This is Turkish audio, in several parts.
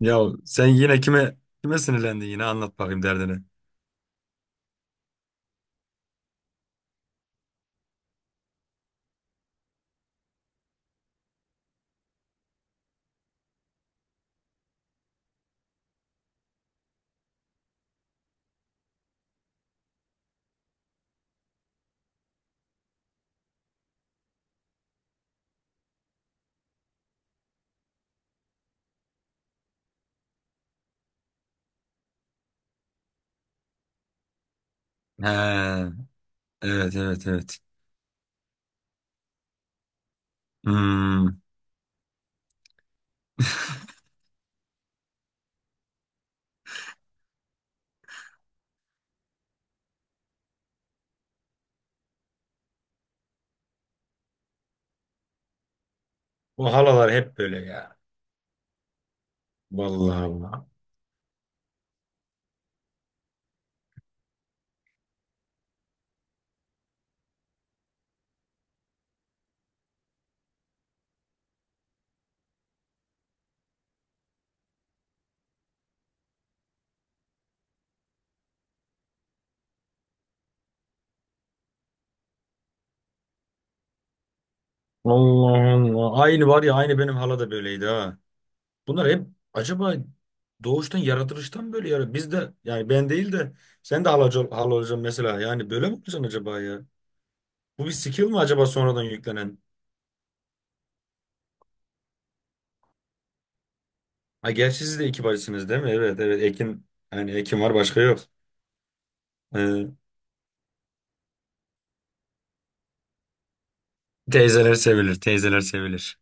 Ya sen yine kime kime sinirlendin yine anlat bakayım derdini. He, evet evet evet. Hmm. Bu halalar hep böyle ya. Vallahi Allah. Allah Allah. Aynı var ya aynı benim hala da böyleydi ha. Bunlar hep acaba doğuştan yaratılıştan böyle ya. Biz de yani ben değil de sen de halacı, hala olacaksın mesela. Yani böyle mi olacaksın acaba ya? Bu bir skill mi acaba sonradan yüklenen? Ha gerçi siz de iki bacısınız değil mi? Evet evet Ekin. Yani Ekin var başka yok. Teyzeler sevilir, teyzeler sevilir.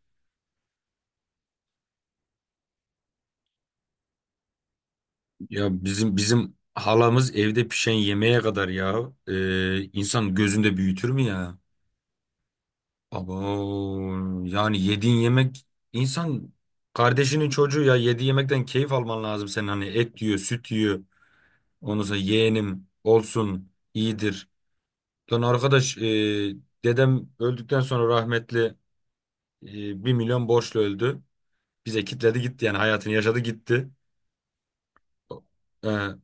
Ya bizim halamız evde pişen yemeğe kadar ya insan gözünde büyütür mü ya? Abo yani yediğin yemek insan kardeşinin çocuğu ya yediği yemekten keyif alman lazım senin, hani et yiyor, süt yiyor. Ondan sonra yeğenim olsun iyidir. Lan arkadaş dedem öldükten sonra rahmetli 1 milyon borçlu öldü. Bize kitledi gitti yani hayatını yaşadı gitti. E,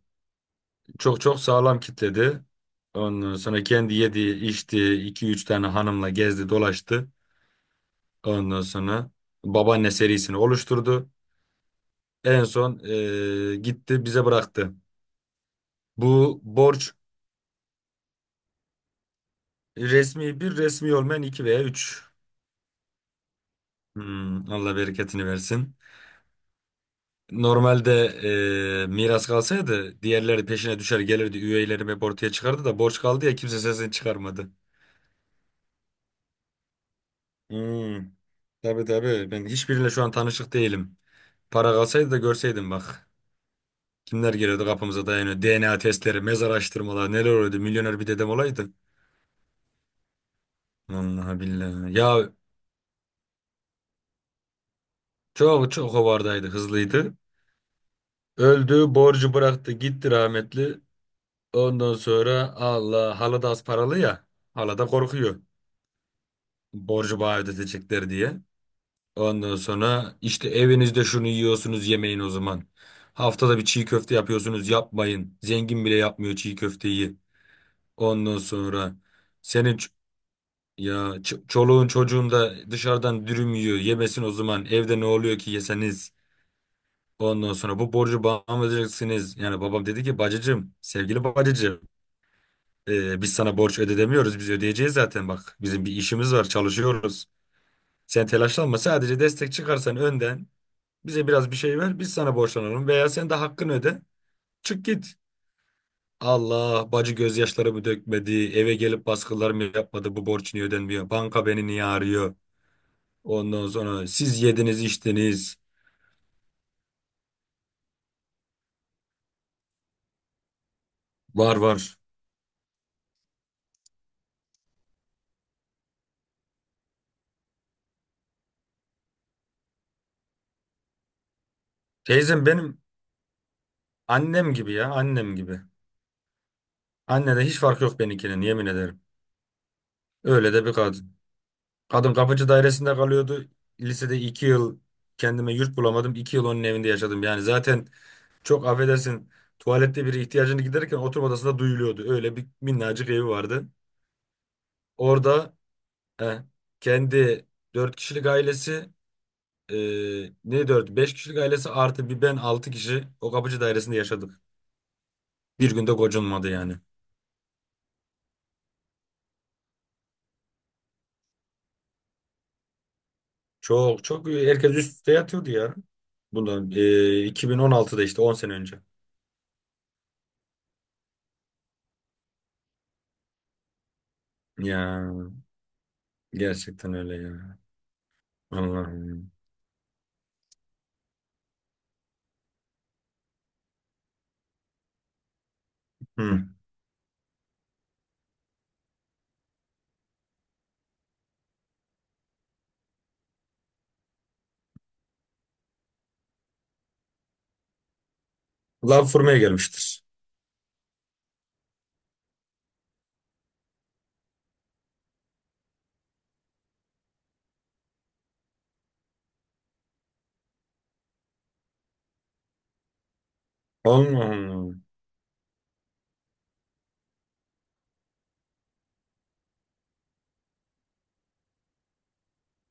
Çok çok sağlam kitledi. Ondan sonra kendi yedi, içti, iki üç tane hanımla gezdi, dolaştı. Ondan sonra babaanne serisini oluşturdu. En son gitti bize bıraktı. Bu borç resmi bir, resmi olmayan iki veya üç. Hmm, Allah bereketini versin. Normalde miras kalsaydı diğerleri peşine düşer gelirdi. Üyelerim hep ortaya çıkardı da borç kaldı ya kimse sesini çıkarmadı. Hmm, tabii tabii ben hiçbiriyle şu an tanışık değilim. Para kalsaydı da görseydim bak. Kimler geliyordu kapımıza dayanıyor. DNA testleri, mezar araştırmalar neler oluyordu. Milyoner bir dedem olaydı. Vallahi billahi. Ya çok çok hovardaydı, hızlıydı. Öldü, borcu bıraktı gitti rahmetli. Ondan sonra Allah halı da az paralı ya. Hala da korkuyor. Borcu bana ödetecekler diye. Ondan sonra işte evinizde şunu yiyorsunuz, yemeyin o zaman. Haftada bir çiğ köfte yapıyorsunuz, yapmayın. Zengin bile yapmıyor çiğ köfteyi. Ondan sonra senin. Ya çoluğun çocuğun da dışarıdan dürüm yiyor. Yemesin o zaman. Evde ne oluyor ki yeseniz. Ondan sonra bu borcu bana mı ödeyeceksiniz? Yani babam dedi ki bacıcım, sevgili bacıcım. Biz sana borç ödedemiyoruz. Biz ödeyeceğiz zaten, bak. Bizim bir işimiz var, çalışıyoruz. Sen telaşlanma. Sadece destek çıkarsan önden bize biraz bir şey ver. Biz sana borçlanalım veya sen de hakkını öde. Çık git. Allah bacı gözyaşlarımı dökmedi. Eve gelip baskılar mı yapmadı? Bu borç niye ödenmiyor? Banka beni niye arıyor? Ondan sonra siz yediniz, içtiniz. Var var. Teyzem benim annem gibi ya, annem gibi. Annede hiç fark yok benimkinin, yemin ederim. Öyle de bir kadın. Kadın kapıcı dairesinde kalıyordu. Lisede 2 yıl kendime yurt bulamadım. 2 yıl onun evinde yaşadım. Yani zaten, çok affedersin, tuvalette biri ihtiyacını giderirken oturma odasında duyuluyordu. Öyle bir minnacık evi vardı. Orada eh, kendi dört kişilik ailesi, e, ne dört? Beş kişilik ailesi artı bir ben altı kişi o kapıcı dairesinde yaşadık. Bir günde gocunmadı yani. Çok çok herkes üst üste yatıyordu ya. Bundan 2016'da, işte 10 sene önce. Ya gerçekten öyle ya. Allah'ım. Hı. Lav fırmaya gelmiştir. Allah'ım.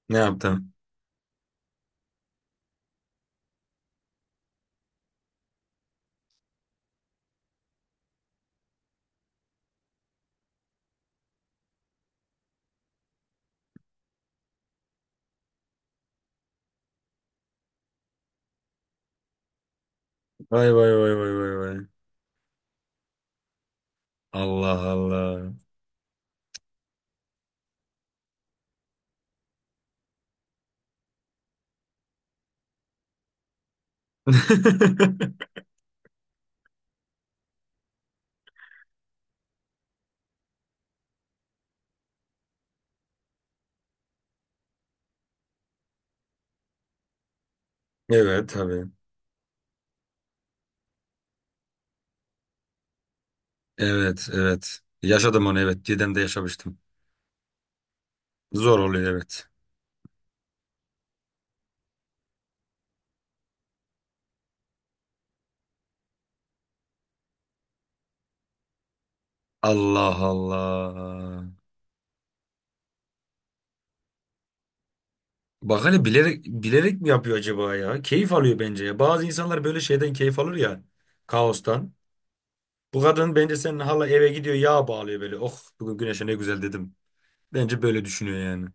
Ne yaptım? Vay vay vay vay vay vay. Allah Allah. Evet tabii. Evet evet. Yaşadım onu, evet. Didem'de yaşamıştım. Zor oluyor, evet. Allah Allah. Bak, hani bilerek bilerek mi yapıyor acaba ya? Keyif alıyor bence ya. Bazı insanlar böyle şeyden keyif alır ya. Kaostan. Bu kadın bence senin hala eve gidiyor, yağ bağlıyor böyle. Oh bugün güneşe ne güzel, dedim. Bence böyle düşünüyor yani.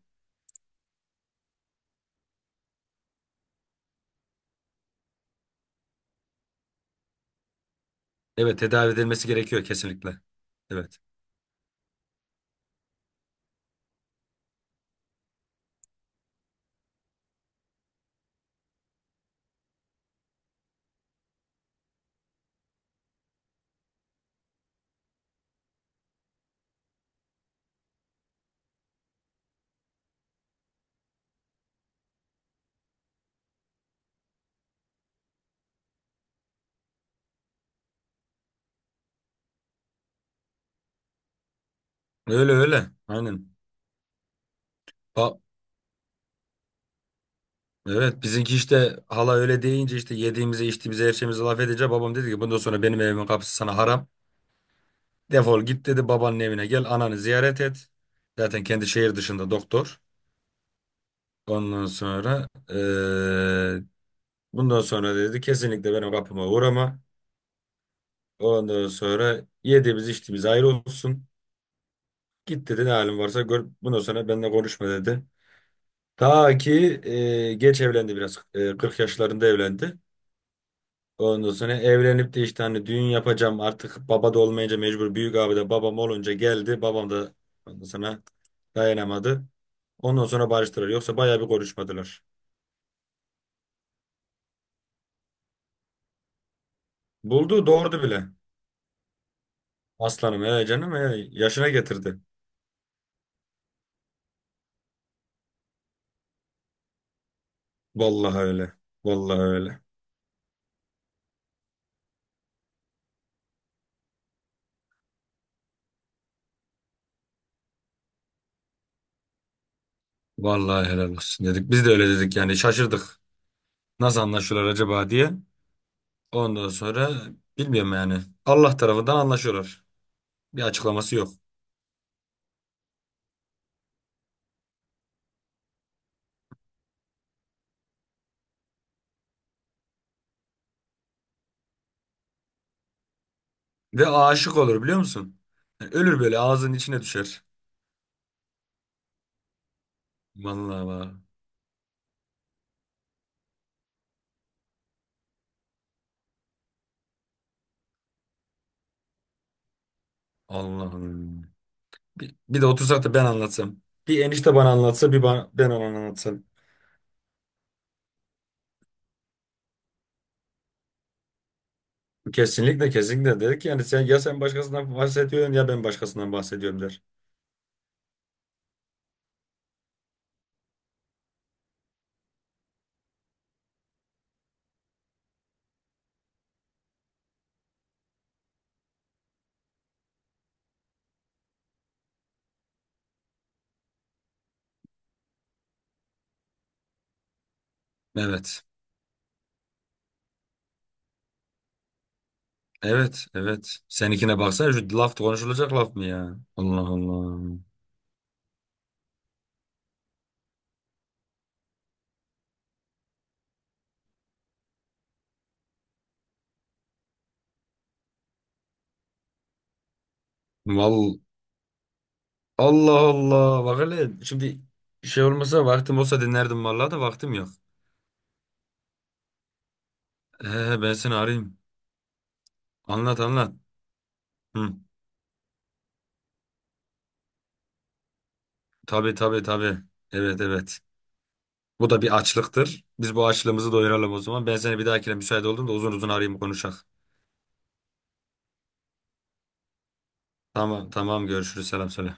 Evet, tedavi edilmesi gerekiyor kesinlikle. Evet. Öyle öyle. Aynen. Ba evet bizimki işte hala öyle deyince, işte yediğimize içtiğimize her şeyimize laf edince, babam dedi ki bundan sonra benim evimin kapısı sana haram. Defol git, dedi, babanın evine gel ananı ziyaret et. Zaten kendi şehir dışında doktor. Ondan sonra bundan sonra dedi kesinlikle benim kapıma uğrama. Ondan sonra yediğimiz içtiğimiz ayrı olsun. Git dedi, ne halin varsa gör. Bundan sonra benimle konuşma, dedi. Ta ki geç evlendi biraz. 40 yaşlarında evlendi. Ondan sonra evlenip de işte hani düğün yapacağım, artık baba da olmayınca mecbur, büyük abi de babam olunca geldi. Babam da ondan sonra dayanamadı. Ondan sonra barıştılar. Yoksa bayağı bir konuşmadılar. Buldu, doğurdu bile. Aslanım, he canım, he yaşına getirdi. Vallahi öyle. Vallahi öyle. Vallahi helal olsun, dedik. Biz de öyle dedik yani, şaşırdık. Nasıl anlaşıyorlar acaba, diye. Ondan sonra bilmiyorum yani. Allah tarafından anlaşıyorlar. Bir açıklaması yok. Ve aşık olur, biliyor musun? Yani ölür, böyle ağzının içine düşer. Vallahi bak. Allah'ım. Bir de otursak da ben anlatsam. Bir enişte bana anlatsa, bir bana, ben ona anlatsam. Kesinlikle kesinlikle, dedik yani, sen ya sen başkasından bahsediyorsun ya ben başkasından bahsediyorum, der. Evet. Evet, evet. Seninkine baksana, şu laf konuşulacak laf mı ya? Allah Allah. Val Allah Allah. Bak hele şimdi şey olmasa, vaktim olsa dinlerdim vallahi, da vaktim yok. Ben seni arayayım. Anlat anlat. Hı. Tabii tabii tabii. Evet evet. Bu da bir açlıktır. Biz bu açlığımızı doyuralım o zaman. Ben seni bir dahakine müsait olduğumda uzun uzun arayayım, konuşak. Tamam tamam, görüşürüz. Selam söyle.